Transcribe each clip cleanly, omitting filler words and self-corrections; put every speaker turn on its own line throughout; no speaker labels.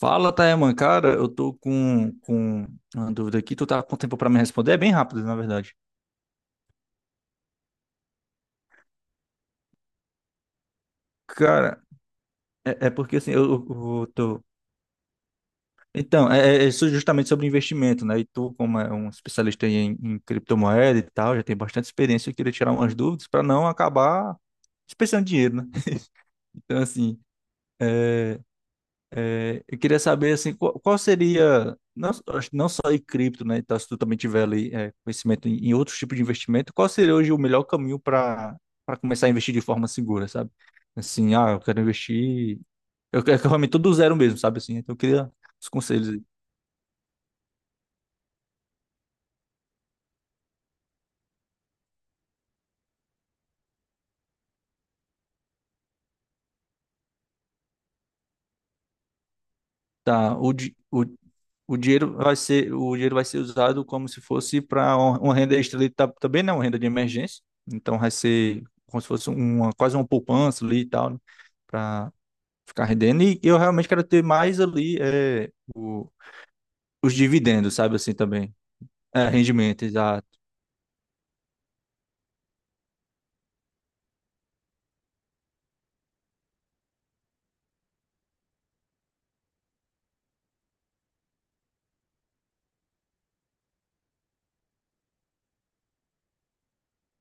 Fala, Taeman, cara, eu tô com uma dúvida aqui, tu tá com tempo pra me responder? É bem rápido, na verdade. Cara, é porque assim, eu tô... Então, é isso justamente sobre investimento, né? E tu, como é um especialista em criptomoeda e tal, já tem bastante experiência, eu queria tirar umas dúvidas pra não acabar desperdiçando dinheiro, né? Então, assim, é, eu queria saber assim, qual seria, não, acho que não só em cripto, né? Então, se tu também tiver ali conhecimento em outros tipos de investimento, qual seria hoje o melhor caminho para começar a investir de forma segura, sabe? Assim, ah, eu quero investir, eu realmente tudo do zero mesmo, sabe assim? Então, eu queria os conselhos, aí. Tá, o o dinheiro vai ser usado como se fosse para uma renda extra ali, tá, também, né? Uma renda de emergência. Então, vai ser como se fosse uma quase uma poupança ali e tal, né? Ficar rendendo. E eu realmente quero ter mais ali os dividendos, sabe assim também. É, rendimento, exato.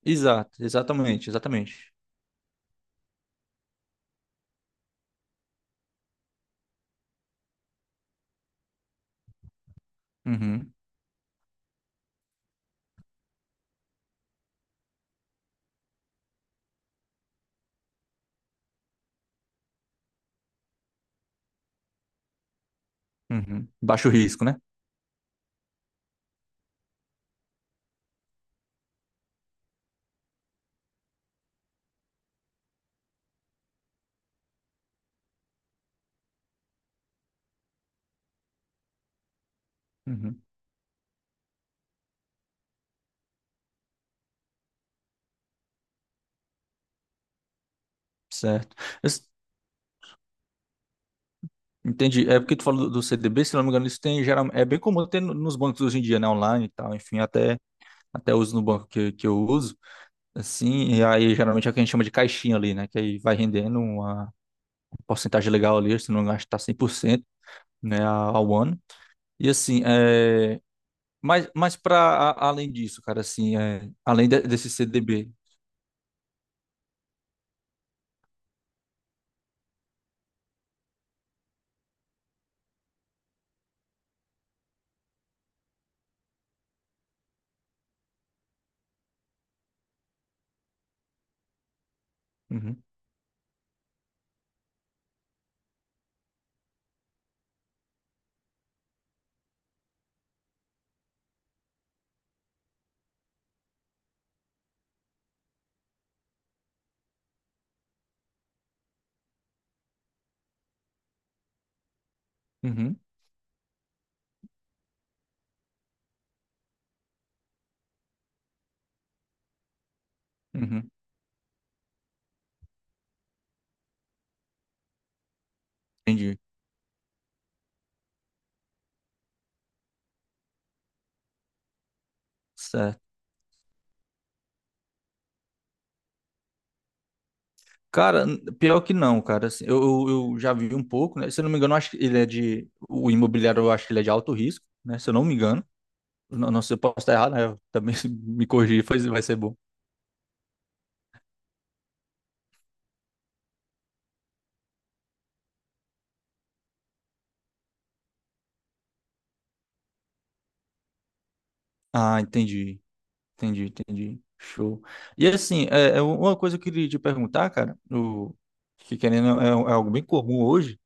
Exato, exatamente, exatamente. Uhum, uhum. Baixo risco, né? Uhum, certo. Eu s- entendi. É porque tu falou do CDB, se não me engano, isso tem geral, é bem comum ter nos bancos hoje em dia, né? Online e tal, enfim, até uso no banco que eu uso. Assim, e aí geralmente é o que a gente chama de caixinha ali, né? Que aí vai rendendo uma porcentagem legal ali, se não gastar 100%, né, ao ano. E assim, mas para além disso, cara, assim, além desse CDB. Uhum, uhum, uhum, entendi. Certo. Cara, pior que não, cara. Assim, eu já vi um pouco, né? Se eu não me engano, eu acho que ele é de. O imobiliário, eu acho que ele é de alto risco, né? Se eu não me engano. Não, não sei, eu posso estar errado, né? Eu também se me corrigir, pois vai ser bom. Ah, entendi. Entendi, entendi. Show. E assim, é uma coisa que eu queria te perguntar, cara, que querendo é algo bem comum hoje.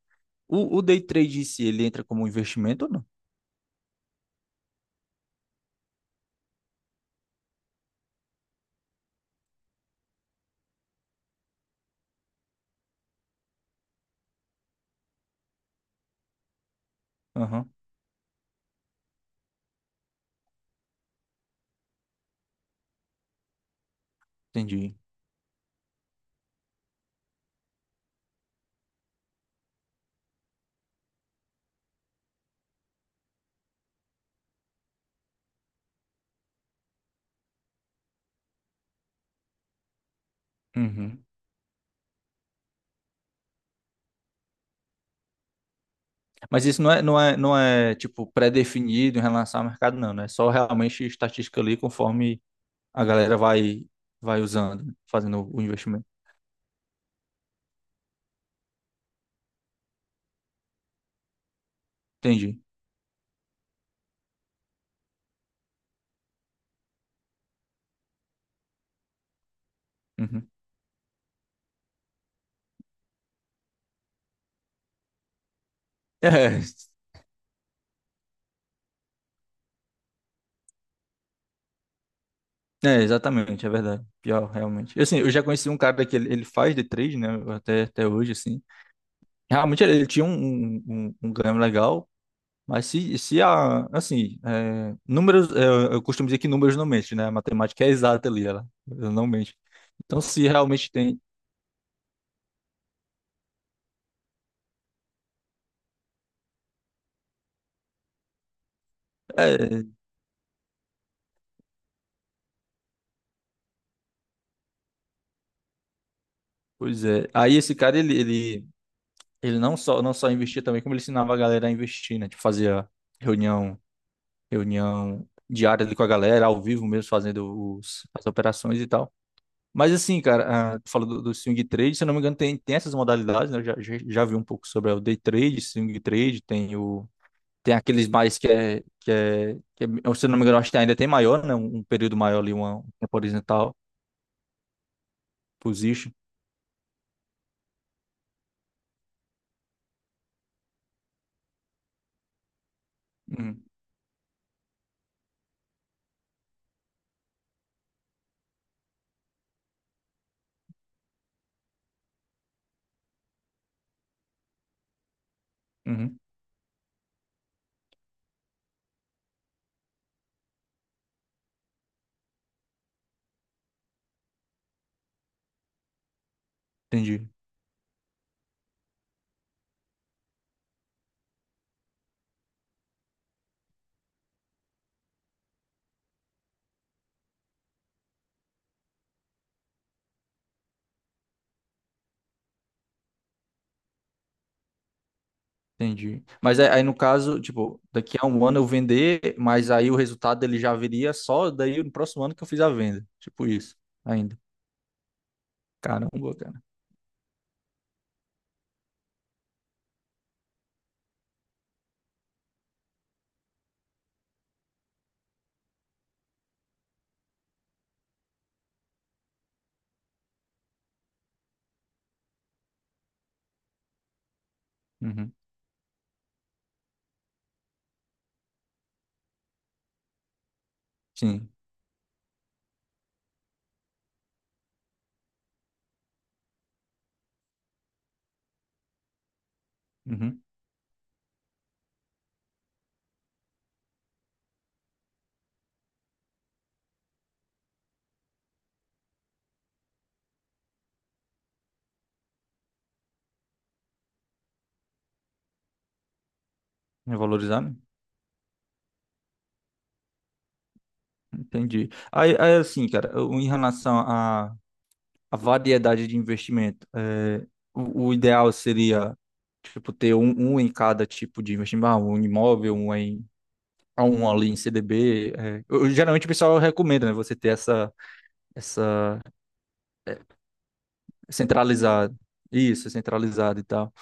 O day trade em si, ele entra como um investimento ou não? Aham, entendi. Uhum. Mas isso não é tipo pré-definido em relação ao mercado, não, né? É só realmente estatística ali conforme a galera vai usando, fazendo o investimento. Entendi. Uhum. É, É, exatamente, é verdade. Pior, realmente. Assim, eu já conheci um cara que ele faz de trade, né? Até hoje, assim. Realmente ele tinha um ganho legal, mas se a, assim, é, números, eu costumo dizer que números não mentem, né? A matemática é exata ali, ela não mente. Então, se realmente tem, é, pois é. Aí esse cara, ele não só investia também, como ele ensinava a galera a investir, né? Tipo, fazia reunião, reunião diária ali com a galera, ao vivo mesmo, fazendo as operações e tal. Mas assim, cara, ah, tu falou do swing trade, se eu não me engano, tem essas modalidades, né? Eu já vi um pouco sobre o day trade, swing trade, tem o. Tem aqueles mais se eu não me engano, acho que ainda tem maior, né? Um período maior ali, uma tempo horizontal, position. Uhum, uhum, entendi, entendi. Mas no caso, tipo, daqui a um ano eu vender, mas aí o resultado ele já viria só daí no próximo ano que eu fiz a venda. Tipo isso, ainda. Caramba, cara. Uhum, sim. Uhum. Revalorizar, né? Entendi. Assim, cara, em relação à variedade de investimento, o ideal seria, tipo, ter um em cada tipo de investimento, ah, um imóvel, um ali em CDB. Geralmente o pessoal recomenda, né, você ter essa centralizada. Isso, centralizado e tal.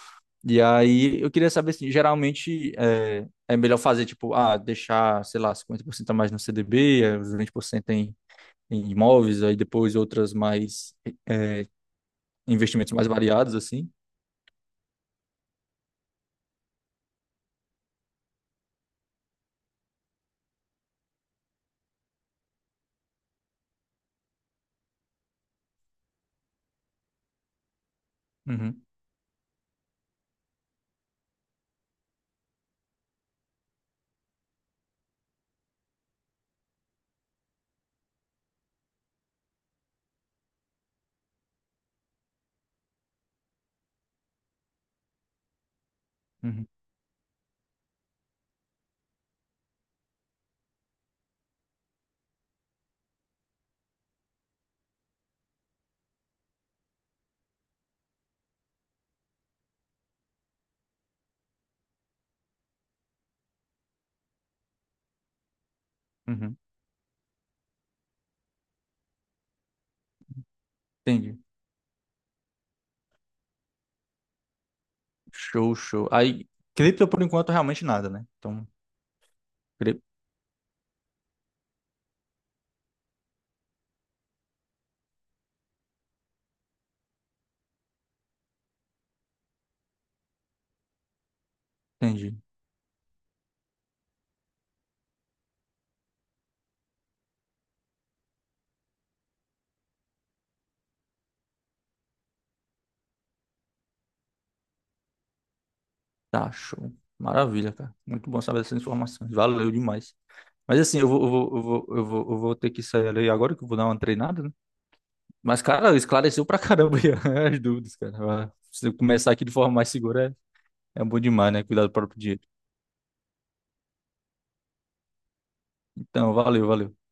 E aí, eu queria saber, assim, geralmente é melhor fazer, tipo, ah, deixar, sei lá, 50% a mais no CDB, os 20% em imóveis, aí depois outras mais investimentos mais variados, assim. Uhum, uhum, uhum. Entendi. Show, show. Aí, cripto, por enquanto, realmente nada, né? Então, cri- entendi. Tá, show. Maravilha, cara. Muito bom saber essas informações. Valeu demais. Mas assim, eu vou ter que sair ali agora que eu vou dar uma treinada, né? Mas, cara, esclareceu pra caramba aí as dúvidas, cara. Ah, se eu começar aqui de forma mais segura, é bom demais, né? Cuidado do próprio dinheiro. Então, valeu, valeu.